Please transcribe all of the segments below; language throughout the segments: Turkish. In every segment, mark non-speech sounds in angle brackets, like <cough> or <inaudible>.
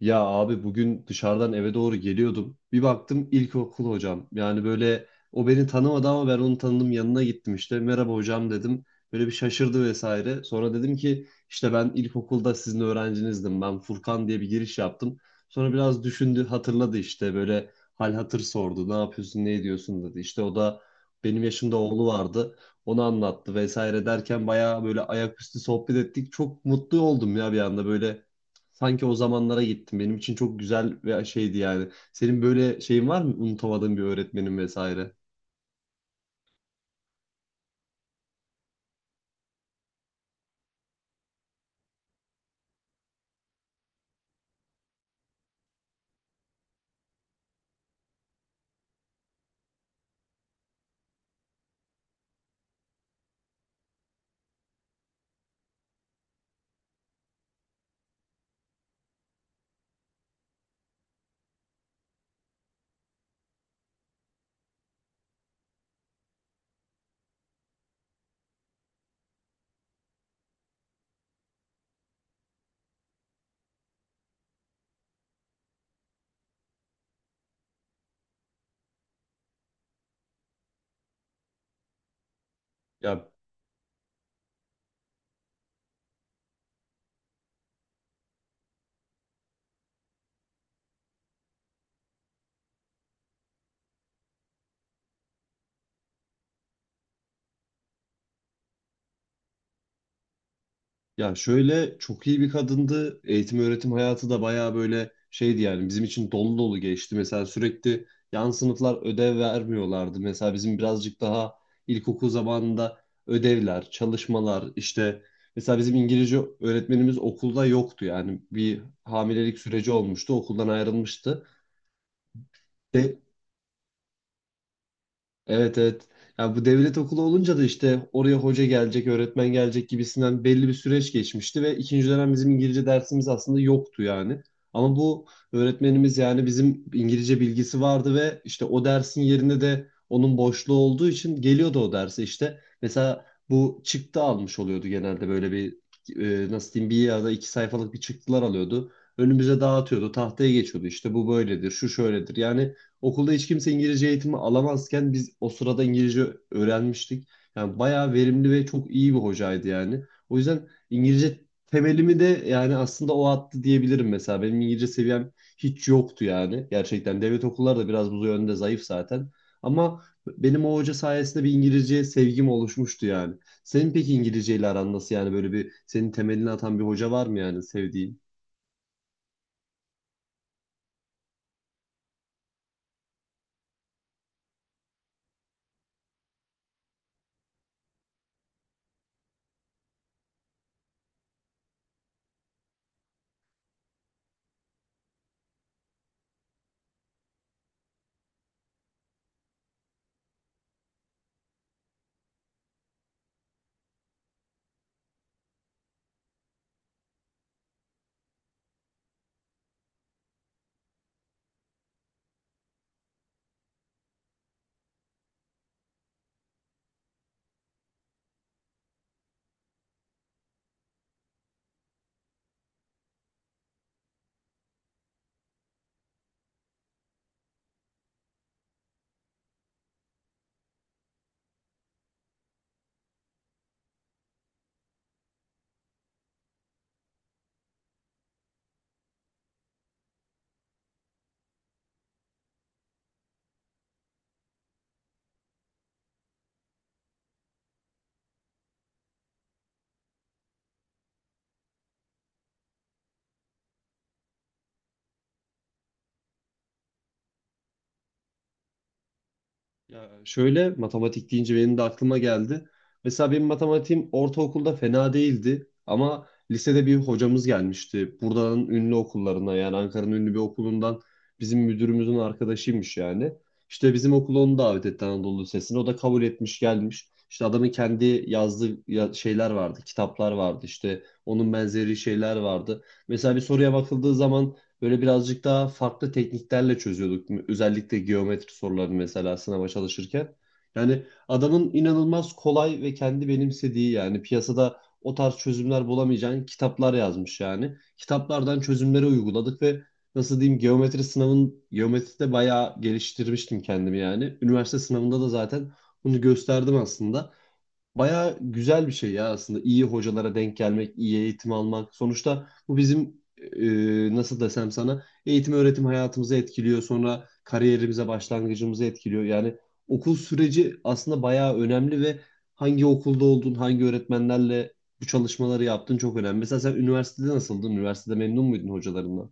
Ya abi bugün dışarıdan eve doğru geliyordum. Bir baktım ilkokul hocam. Yani böyle o beni tanımadı ama ben onu tanıdım, yanına gittim işte. Merhaba hocam dedim. Böyle bir şaşırdı vesaire. Sonra dedim ki işte ben ilkokulda sizin öğrencinizdim. Ben Furkan diye bir giriş yaptım. Sonra biraz düşündü, hatırladı işte, böyle hal hatır sordu. Ne yapıyorsun, ne ediyorsun dedi. İşte o da benim yaşımda oğlu vardı. Onu anlattı vesaire derken bayağı böyle ayaküstü sohbet ettik. Çok mutlu oldum ya bir anda böyle. Sanki o zamanlara gittim. Benim için çok güzel ve şeydi yani. Senin böyle şeyin var mı? Unutamadığın bir öğretmenin vesaire. Ya ya şöyle, çok iyi bir kadındı. Eğitim öğretim hayatı da bayağı böyle şeydi yani. Bizim için dolu dolu geçti. Mesela sürekli yan sınıflar ödev vermiyorlardı. Mesela bizim birazcık daha ilkokul zamanında ödevler, çalışmalar işte, mesela bizim İngilizce öğretmenimiz okulda yoktu yani. Bir hamilelik süreci olmuştu. Okuldan ayrılmıştı. De- Evet, evet. Ya bu devlet okulu olunca da işte oraya hoca gelecek, öğretmen gelecek gibisinden belli bir süreç geçmişti ve ikinci dönem bizim İngilizce dersimiz aslında yoktu yani. Ama bu öğretmenimiz yani bizim, İngilizce bilgisi vardı ve işte o dersin yerinde de onun boşluğu olduğu için geliyordu o derse işte. Mesela bu çıktı almış oluyordu genelde, böyle bir nasıl diyeyim, bir ya da iki sayfalık bir çıktılar alıyordu. Önümüze dağıtıyordu, tahtaya geçiyordu, işte bu böyledir, şu şöyledir. Yani okulda hiç kimse İngilizce eğitimi alamazken biz o sırada İngilizce öğrenmiştik. Yani bayağı verimli ve çok iyi bir hocaydı yani. O yüzden İngilizce temelimi de yani aslında o attı diyebilirim mesela. Benim İngilizce seviyem hiç yoktu yani. Gerçekten devlet okulları da biraz bu yönde zayıf zaten. Ama benim o hoca sayesinde bir İngilizce sevgim oluşmuştu yani. Senin peki İngilizce ile aran nasıl, yani böyle bir senin temelini atan bir hoca var mı yani sevdiğin? Ya şöyle, matematik deyince benim de aklıma geldi. Mesela benim matematiğim ortaokulda fena değildi ama lisede bir hocamız gelmişti. Buradanın ünlü okullarına, yani Ankara'nın ünlü bir okulundan, bizim müdürümüzün arkadaşıymış yani. İşte bizim okula onu davet etti Anadolu Lisesi'ne. O da kabul etmiş, gelmiş. İşte adamın kendi yazdığı şeyler vardı, kitaplar vardı, işte onun benzeri şeyler vardı. Mesela bir soruya bakıldığı zaman böyle birazcık daha farklı tekniklerle çözüyorduk. Özellikle geometri sorularını mesela sınava çalışırken. Yani adamın inanılmaz kolay ve kendi benimsediği, yani piyasada o tarz çözümler bulamayacağın kitaplar yazmış yani. Kitaplardan çözümleri uyguladık ve nasıl diyeyim, geometri sınavın, geometride bayağı geliştirmiştim kendimi yani. Üniversite sınavında da zaten bunu gösterdim aslında. Bayağı güzel bir şey ya aslında. İyi hocalara denk gelmek, iyi eğitim almak. Sonuçta bu bizim nasıl desem sana, eğitim öğretim hayatımızı etkiliyor. Sonra kariyerimize başlangıcımızı etkiliyor. Yani okul süreci aslında bayağı önemli ve hangi okulda oldun, hangi öğretmenlerle bu çalışmaları yaptın çok önemli. Mesela sen üniversitede nasıldın? Üniversitede memnun muydun hocalarından?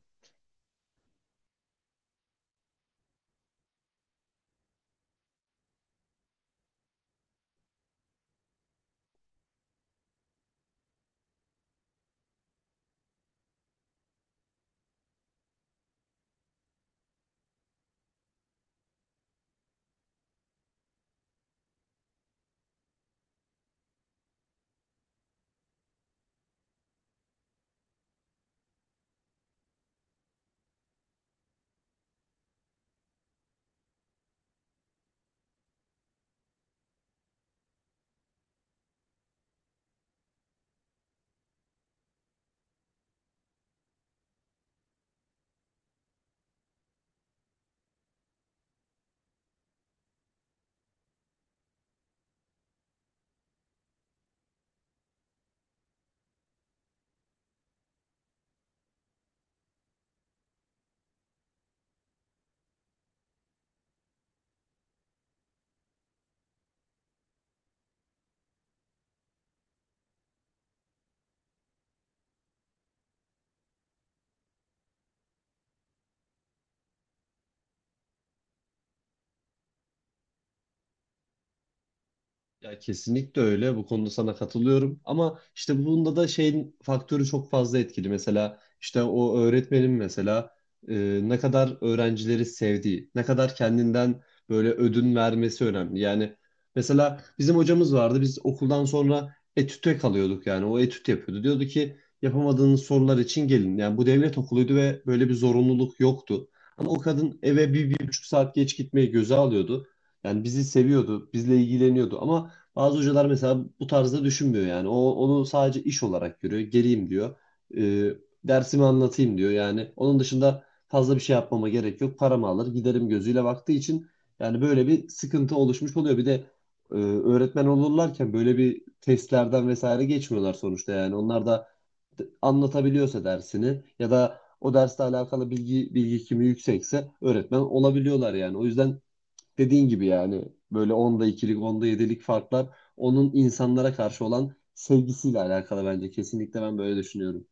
Ya kesinlikle öyle. Bu konuda sana katılıyorum. Ama işte bunda da şeyin faktörü çok fazla etkili. Mesela işte o öğretmenin mesela ne kadar öğrencileri sevdiği, ne kadar kendinden böyle ödün vermesi önemli. Yani mesela bizim hocamız vardı. Biz okuldan sonra etüte kalıyorduk yani. O etüt yapıyordu. Diyordu ki yapamadığınız sorular için gelin. Yani bu devlet okuluydu ve böyle bir zorunluluk yoktu. Ama o kadın eve bir buçuk saat geç gitmeyi göze alıyordu. Yani bizi seviyordu, bizle ilgileniyordu ama bazı hocalar mesela bu tarzda düşünmüyor yani. O onu sadece iş olarak görüyor. Geleyim diyor. Ee, Dersimi anlatayım diyor. Yani onun dışında fazla bir şey yapmama gerek yok. Paramı alır giderim gözüyle baktığı için yani böyle bir sıkıntı oluşmuş oluyor. Bir de öğretmen olurlarken böyle bir testlerden vesaire geçmiyorlar sonuçta yani. Onlar da anlatabiliyorsa dersini ya da o dersle alakalı bilgi kimi yüksekse öğretmen olabiliyorlar yani. O yüzden dediğin gibi yani böyle onda ikilik, onda yedilik farklar onun insanlara karşı olan sevgisiyle alakalı bence. Kesinlikle ben böyle düşünüyorum.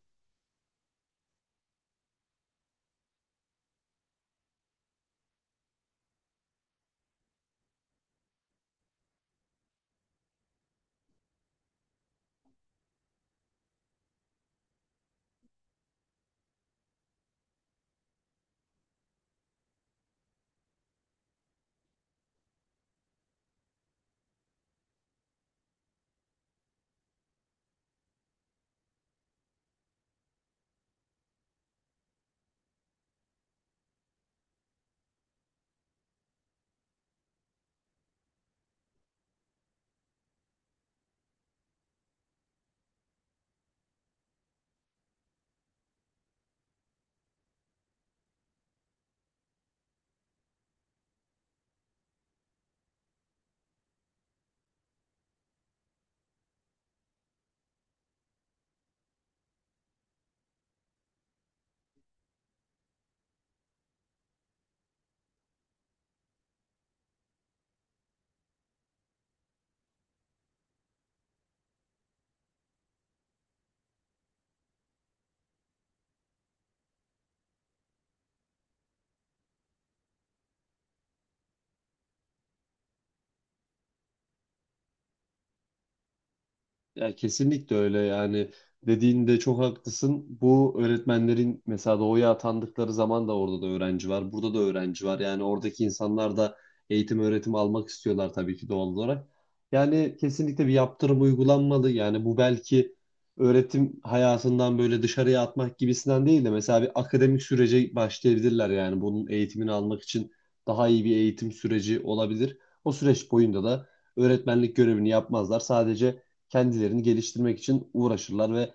Ya kesinlikle öyle yani, dediğinde çok haklısın. Bu öğretmenlerin mesela doğuya atandıkları zaman da orada da öğrenci var, burada da öğrenci var. Yani oradaki insanlar da eğitim öğretim almak istiyorlar tabii ki doğal olarak. Yani kesinlikle bir yaptırım uygulanmalı. Yani bu belki öğretim hayatından böyle dışarıya atmak gibisinden değil de mesela bir akademik sürece başlayabilirler yani bunun eğitimini almak için daha iyi bir eğitim süreci olabilir. O süreç boyunda da öğretmenlik görevini yapmazlar. Sadece kendilerini geliştirmek için uğraşırlar ve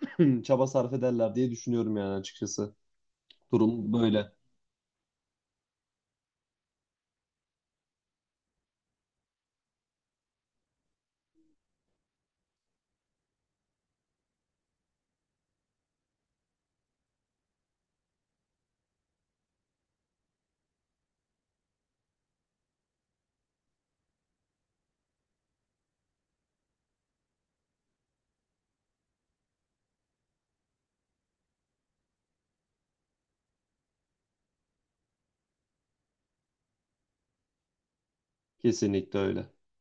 <clears throat> çaba sarf ederler diye düşünüyorum yani açıkçası. Durum böyle. Kesinlikle öyle.